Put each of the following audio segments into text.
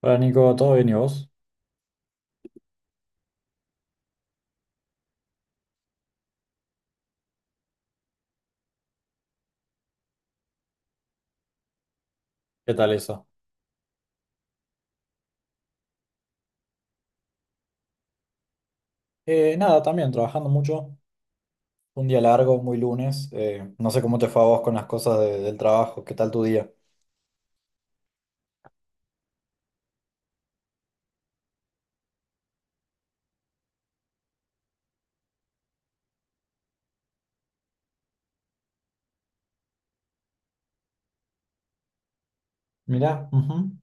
Hola Nico, ¿todo bien y vos? ¿Qué tal eso? Nada, también trabajando mucho. Un día largo, muy lunes. No sé cómo te fue a vos con las cosas del trabajo. ¿Qué tal tu día? Mirá, ujú.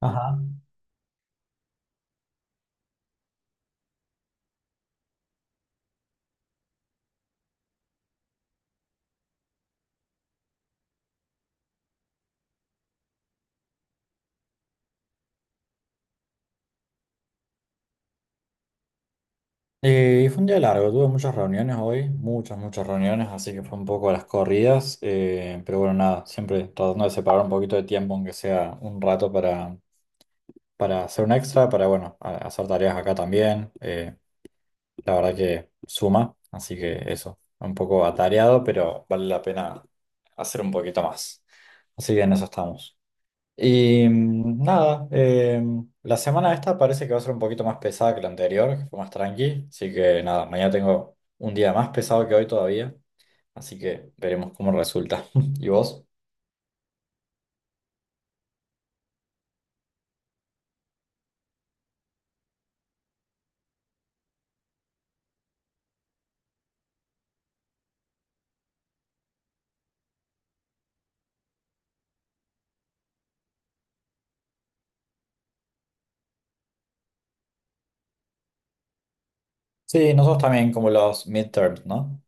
Ajá. Fue un día largo, tuve muchas reuniones hoy, muchas, muchas reuniones, así que fue un poco a las corridas. Pero bueno, nada, siempre tratando de separar un poquito de tiempo, aunque sea un rato para hacer un extra, para bueno, hacer tareas acá también. La verdad que suma, así que eso, un poco atareado, pero vale la pena hacer un poquito más. Así que en eso estamos. Y nada, la semana esta parece que va a ser un poquito más pesada que la anterior, que fue más tranqui. Así que nada, mañana tengo un día más pesado que hoy todavía, así que veremos cómo resulta. ¿Y vos? Sí, nosotros también como los midterms, ¿no?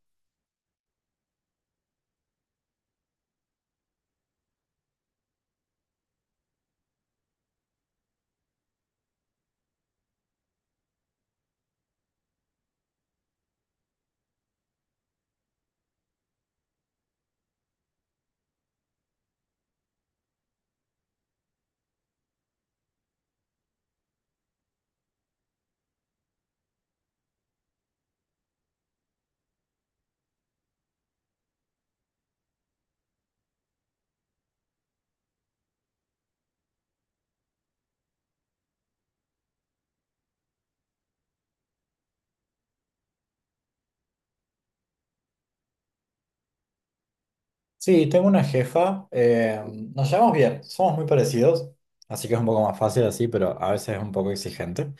Sí, tengo una jefa, nos llevamos bien, somos muy parecidos, así que es un poco más fácil así, pero a veces es un poco exigente.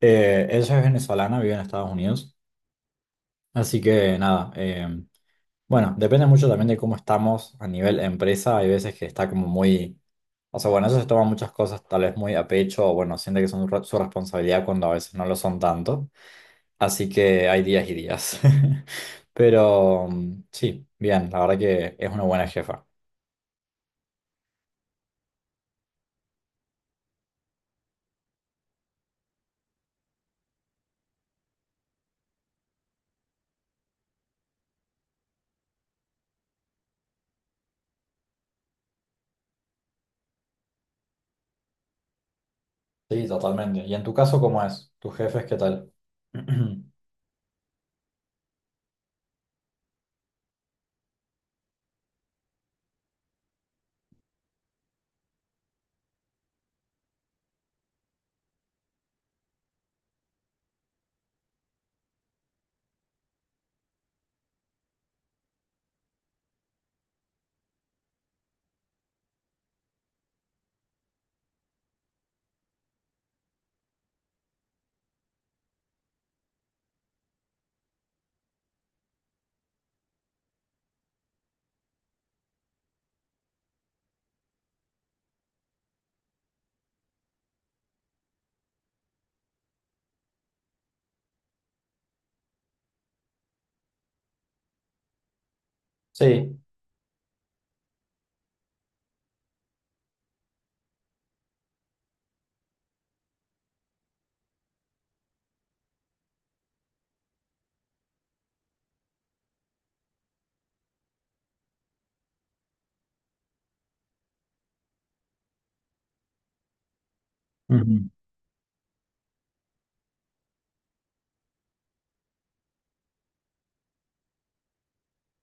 Ella es venezolana, vive en Estados Unidos, así que nada, bueno, depende mucho también de cómo estamos a nivel empresa, hay veces que está como muy, o sea, bueno, ella se toma muchas cosas tal vez muy a pecho, o bueno, siente que son su responsabilidad cuando a veces no lo son tanto, así que hay días y días. Pero mm, sí, bien, la verdad que es una buena jefa. Sí, totalmente. ¿Y en tu caso cómo es? ¿Tus jefes qué tal? Sí. Ujú.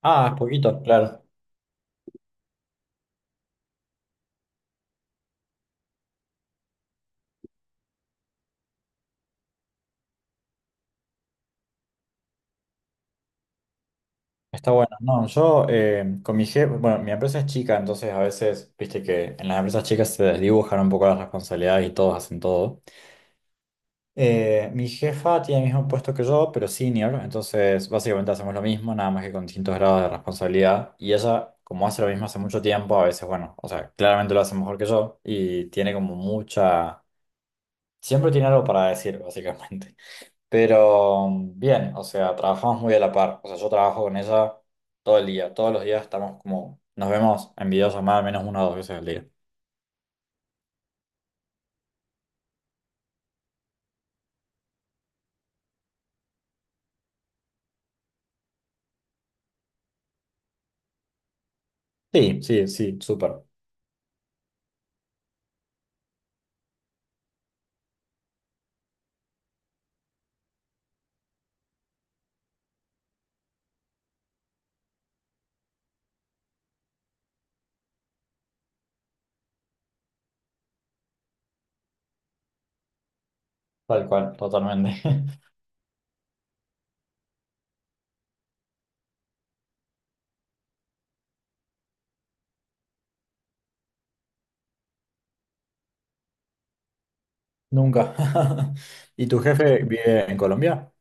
Ah, es poquito, claro. Está bueno. No, yo con mi jefe, bueno, mi empresa es chica, entonces a veces, viste que en las empresas chicas se desdibujan un poco las responsabilidades y todos hacen todo. Mi jefa tiene el mismo puesto que yo, pero senior, entonces básicamente hacemos lo mismo, nada más que con distintos grados de responsabilidad. Y ella, como hace lo mismo hace mucho tiempo, a veces, bueno, o sea, claramente lo hace mejor que yo y tiene como mucha. Siempre tiene algo para decir, básicamente. Pero mm, bien, o sea, trabajamos muy a la par. O sea, yo trabajo con ella todo el día. Todos los días estamos como, nos vemos en videollamada al menos una o dos veces al día. Sí, sí, sí, súper. Tal cual, totalmente. Nunca. ¿Y tu jefe vive en Colombia?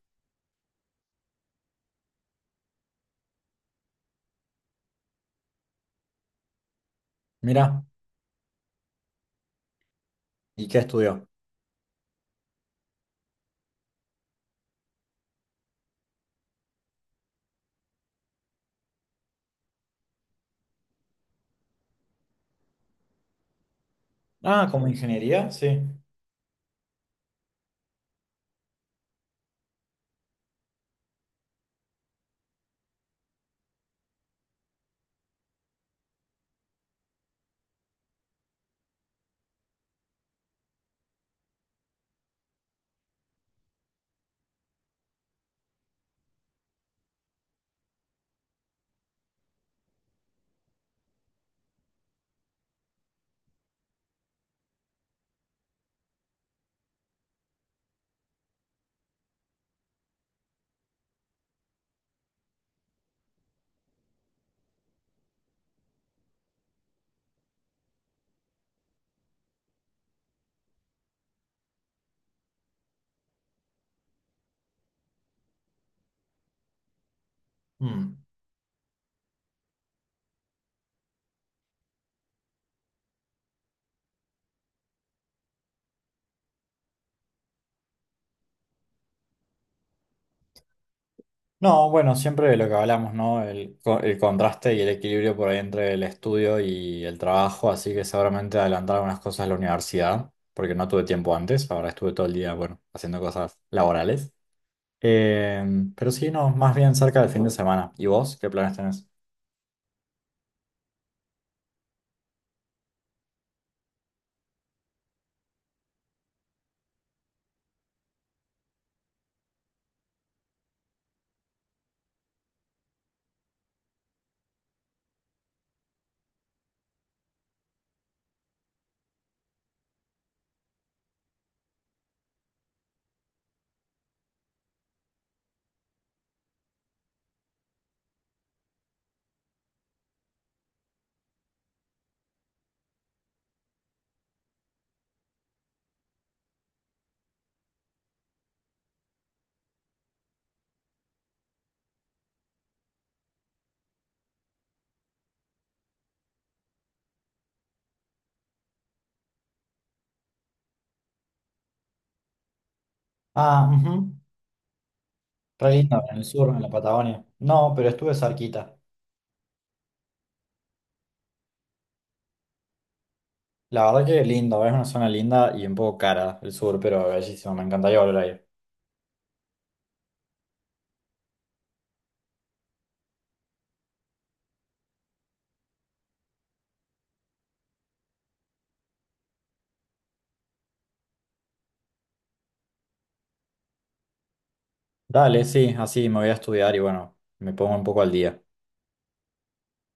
Mira, ¿y qué estudió? Ah, como ingeniería, sí. Mm. No, bueno, siempre de lo que hablamos, ¿no? El, el contraste y el equilibrio por ahí entre el estudio y el trabajo, así que seguramente adelantar algunas cosas a la universidad, porque no tuve tiempo antes, ahora estuve todo el día, bueno, haciendo cosas laborales. Eh, pero sí, no, más bien cerca del fin de semana. ¿Y vos qué planes tenés? Ah, ujú. Re lindo, en el sur, en la Patagonia. No, pero estuve cerquita. La verdad que lindo, es una zona linda y un poco cara el sur, pero bellísimo, me encantaría volver ahí. Dale, sí, así me voy a estudiar y bueno, me pongo un poco al día.